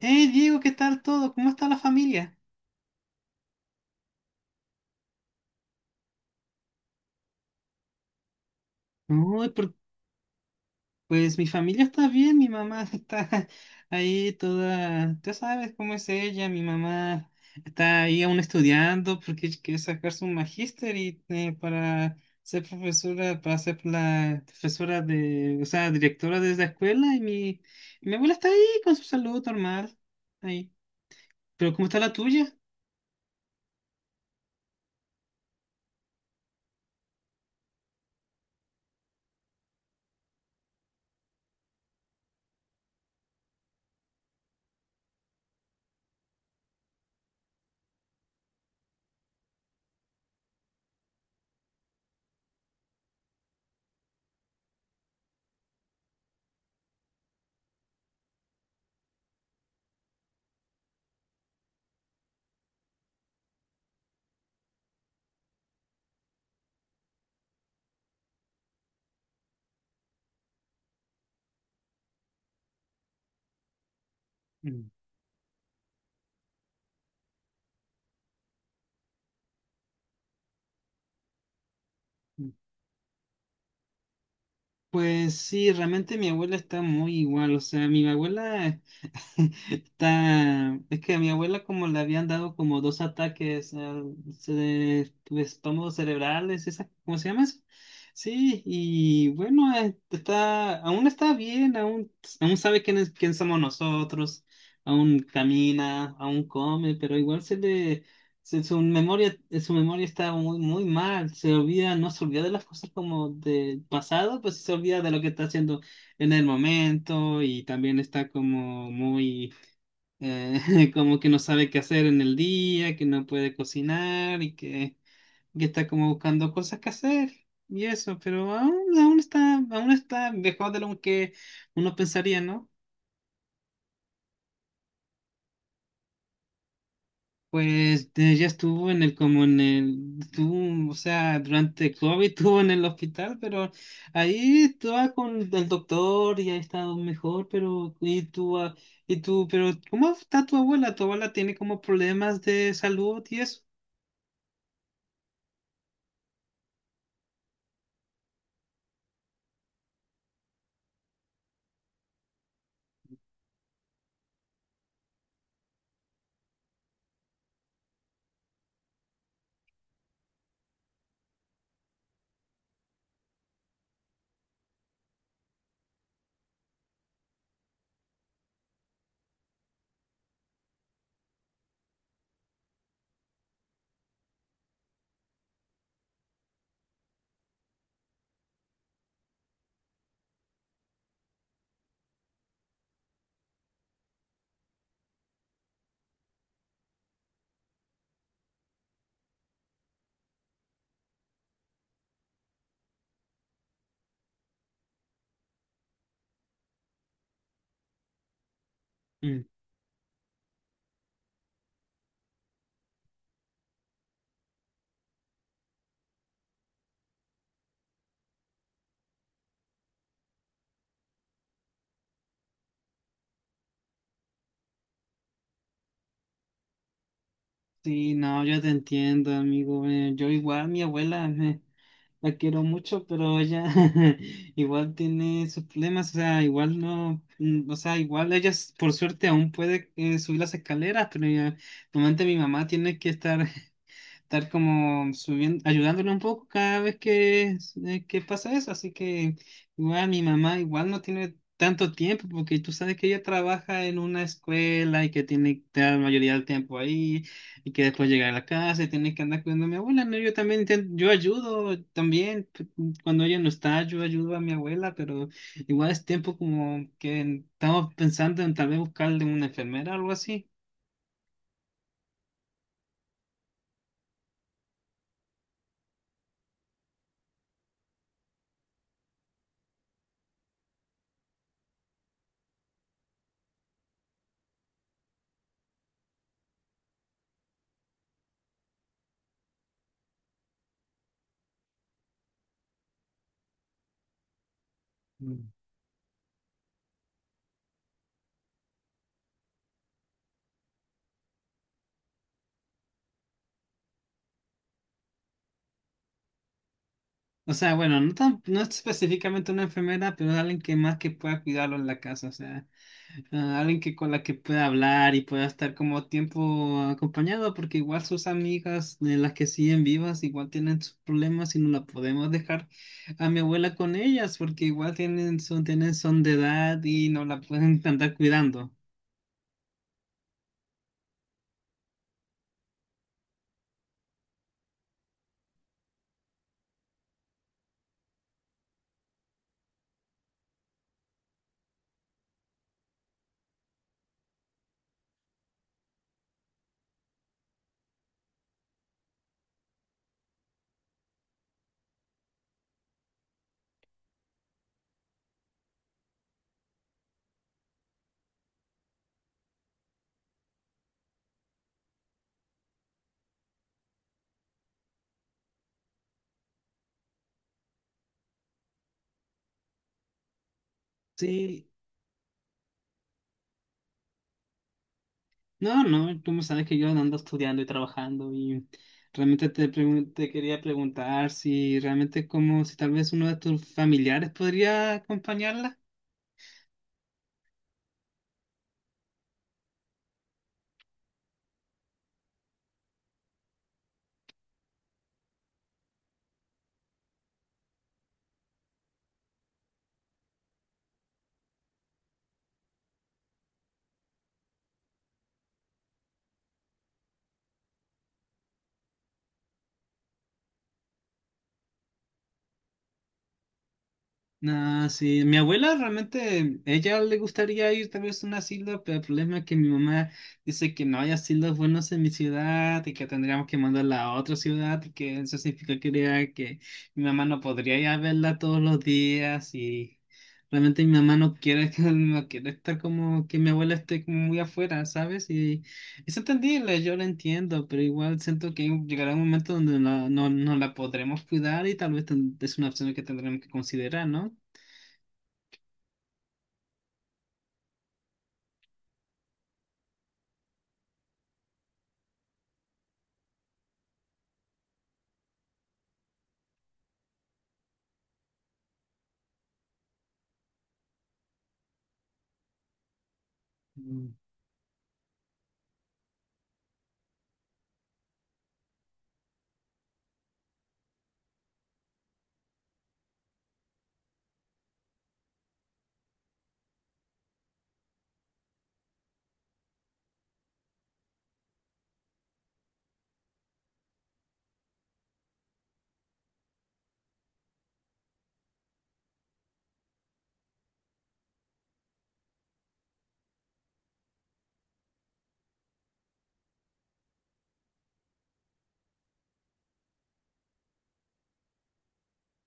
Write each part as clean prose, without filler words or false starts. Hey Diego, ¿qué tal todo? ¿Cómo está la familia? Uy, por- pues mi familia está bien, mi mamá está ahí toda, tú sabes cómo es ella. Mi mamá está ahí aún estudiando porque ella quiere sacar su magíster y para ser profesora, para ser la profesora de, o sea, directora de la escuela. Y mi abuela está ahí con su salud normal, ahí. Pero ¿cómo está la tuya? Mm, mm. Pues sí, realmente mi abuela está muy igual, o sea, mi abuela... Está... Es que a mi abuela como le habían dado como dos ataques al estómago cerebrales, esa, ¿cómo se llama eso? Sí, y bueno, está, aún está bien, aún, aún sabe quién es, quién somos nosotros, aún camina, aún come, pero igual se le, su memoria, su memoria está muy mal, se olvida, no se olvida de las cosas como del pasado, pues se olvida de lo que está haciendo en el momento y también está como muy, eh, como que no sabe qué hacer en el día, que no puede cocinar y que está como buscando cosas que hacer y eso, pero aún está mejor de lo que uno pensaría, ¿no? Pues ya estuvo en el, como en el, estuvo, o sea, durante COVID estuvo en el hospital, pero ahí estaba con el doctor y ha estado mejor. Pero, y tú, ah, y tú, pero, ¿cómo está tu abuela? ¿Tu abuela tiene como problemas de salud y eso? Mm. Sí, no, yo te entiendo, amigo, yo igual, mi abuela, la quiero mucho, pero ella igual tiene sus problemas, o sea, igual no, mm, o sea, igual ella por suerte aún puede subir las escaleras, pero normalmente mi mamá tiene que estar como subiendo, ayudándole un poco cada vez que pasa eso. Así que igual mi mamá igual no tiene tanto tiempo porque tú sabes que ella trabaja en una escuela y que tiene que estar la mayoría del tiempo ahí y que después llega a la casa y tiene que andar cuidando a mi abuela. No, yo también yo ayudo también cuando ella no está, yo ayudo a mi abuela, pero igual es tiempo como que estamos pensando en tal vez buscarle una enfermera o algo así. O sea, bueno, no tan, no específicamente una enfermera, pero alguien que más que pueda cuidarlo en la casa, o sea, ah, alguien que con la que pueda hablar y pueda estar como tiempo acompañado, porque igual sus amigas de las que siguen vivas igual tienen sus problemas y no la podemos dejar a mi abuela con ellas, porque igual tienen son de edad y no la pueden andar cuidando. Sí, no, no, tú me sabes que yo ando estudiando y trabajando y realmente te quería preguntar si realmente como si tal vez uno de tus familiares podría acompañarla. Ah, sí, mi abuela realmente, ella le gustaría ir tal vez a un asilo, pero el problema es que mi mamá dice que no hay asilos buenos en mi ciudad y que tendríamos que mandarla a otra ciudad y que eso significa que, diría que mi mamá no podría ir a verla todos los días y realmente mi mamá no quiere, no quiere estar como que mi abuela esté como muy afuera, ¿sabes? Y es entendible, yo lo entiendo, pero igual siento que llegará un momento donde no la podremos cuidar y tal vez es una opción que tendremos que considerar, ¿no? Mm.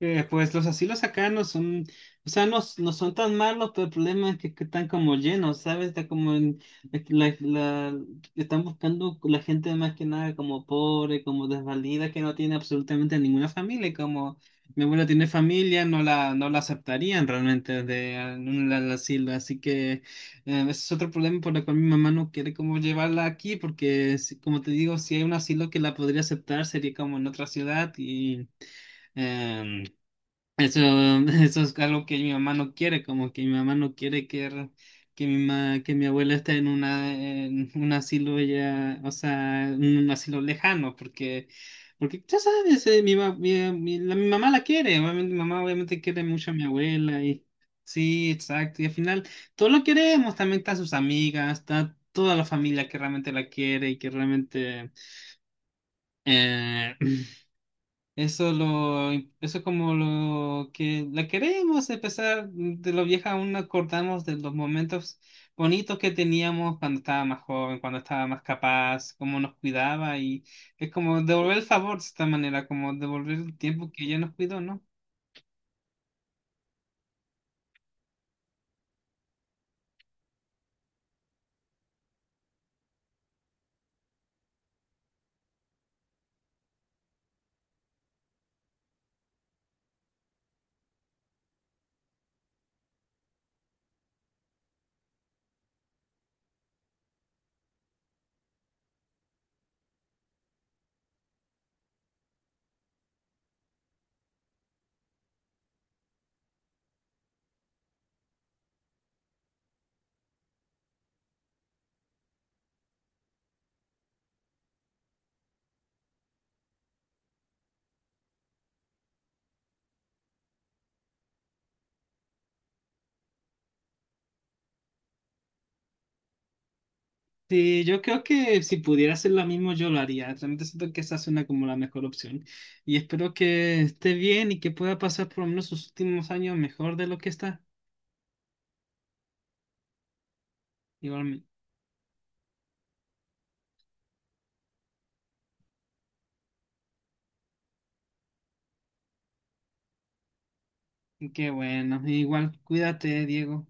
Pues los asilos acá no son, o sea, no, no son tan malos, pero el problema es que están como llenos, ¿sabes? Está como la, la- están buscando la gente más que nada como pobre, como desvalida, que no tiene absolutamente ninguna familia, y como mi abuela tiene familia, no no la aceptarían realmente de en un asilo, así que ese es otro problema por el cual mi mamá no quiere como llevarla aquí, porque como te digo, si hay un asilo que la podría aceptar, sería como en otra ciudad y... Em, eso, eso es algo que mi mamá no quiere, como que mi mamá no quiere que, que mi abuela esté en una en un asilo ya, o sea, en un asilo lejano, porque ya sabes, mi, ma- mi- la- mi mamá la quiere, obviamente, mi mamá obviamente quiere mucho a mi abuela y sí, exacto, y al final todos lo queremos, también está sus amigas, está toda la familia que realmente la quiere y que realmente eh, eso es como lo que la queremos empezar de lo vieja, aún nos acordamos de los momentos bonitos que teníamos cuando estaba más joven, cuando estaba más capaz, cómo nos cuidaba y es como devolver el favor de esta manera, como devolver el tiempo que ella nos cuidó, ¿no? Sí, yo creo que si pudiera hacer lo mismo yo lo haría. Realmente siento que esa suena como la mejor opción y espero que esté bien y que pueda pasar por lo menos sus últimos años mejor de lo que está. Igualmente. Qué bueno. Igual, cuídate, Diego.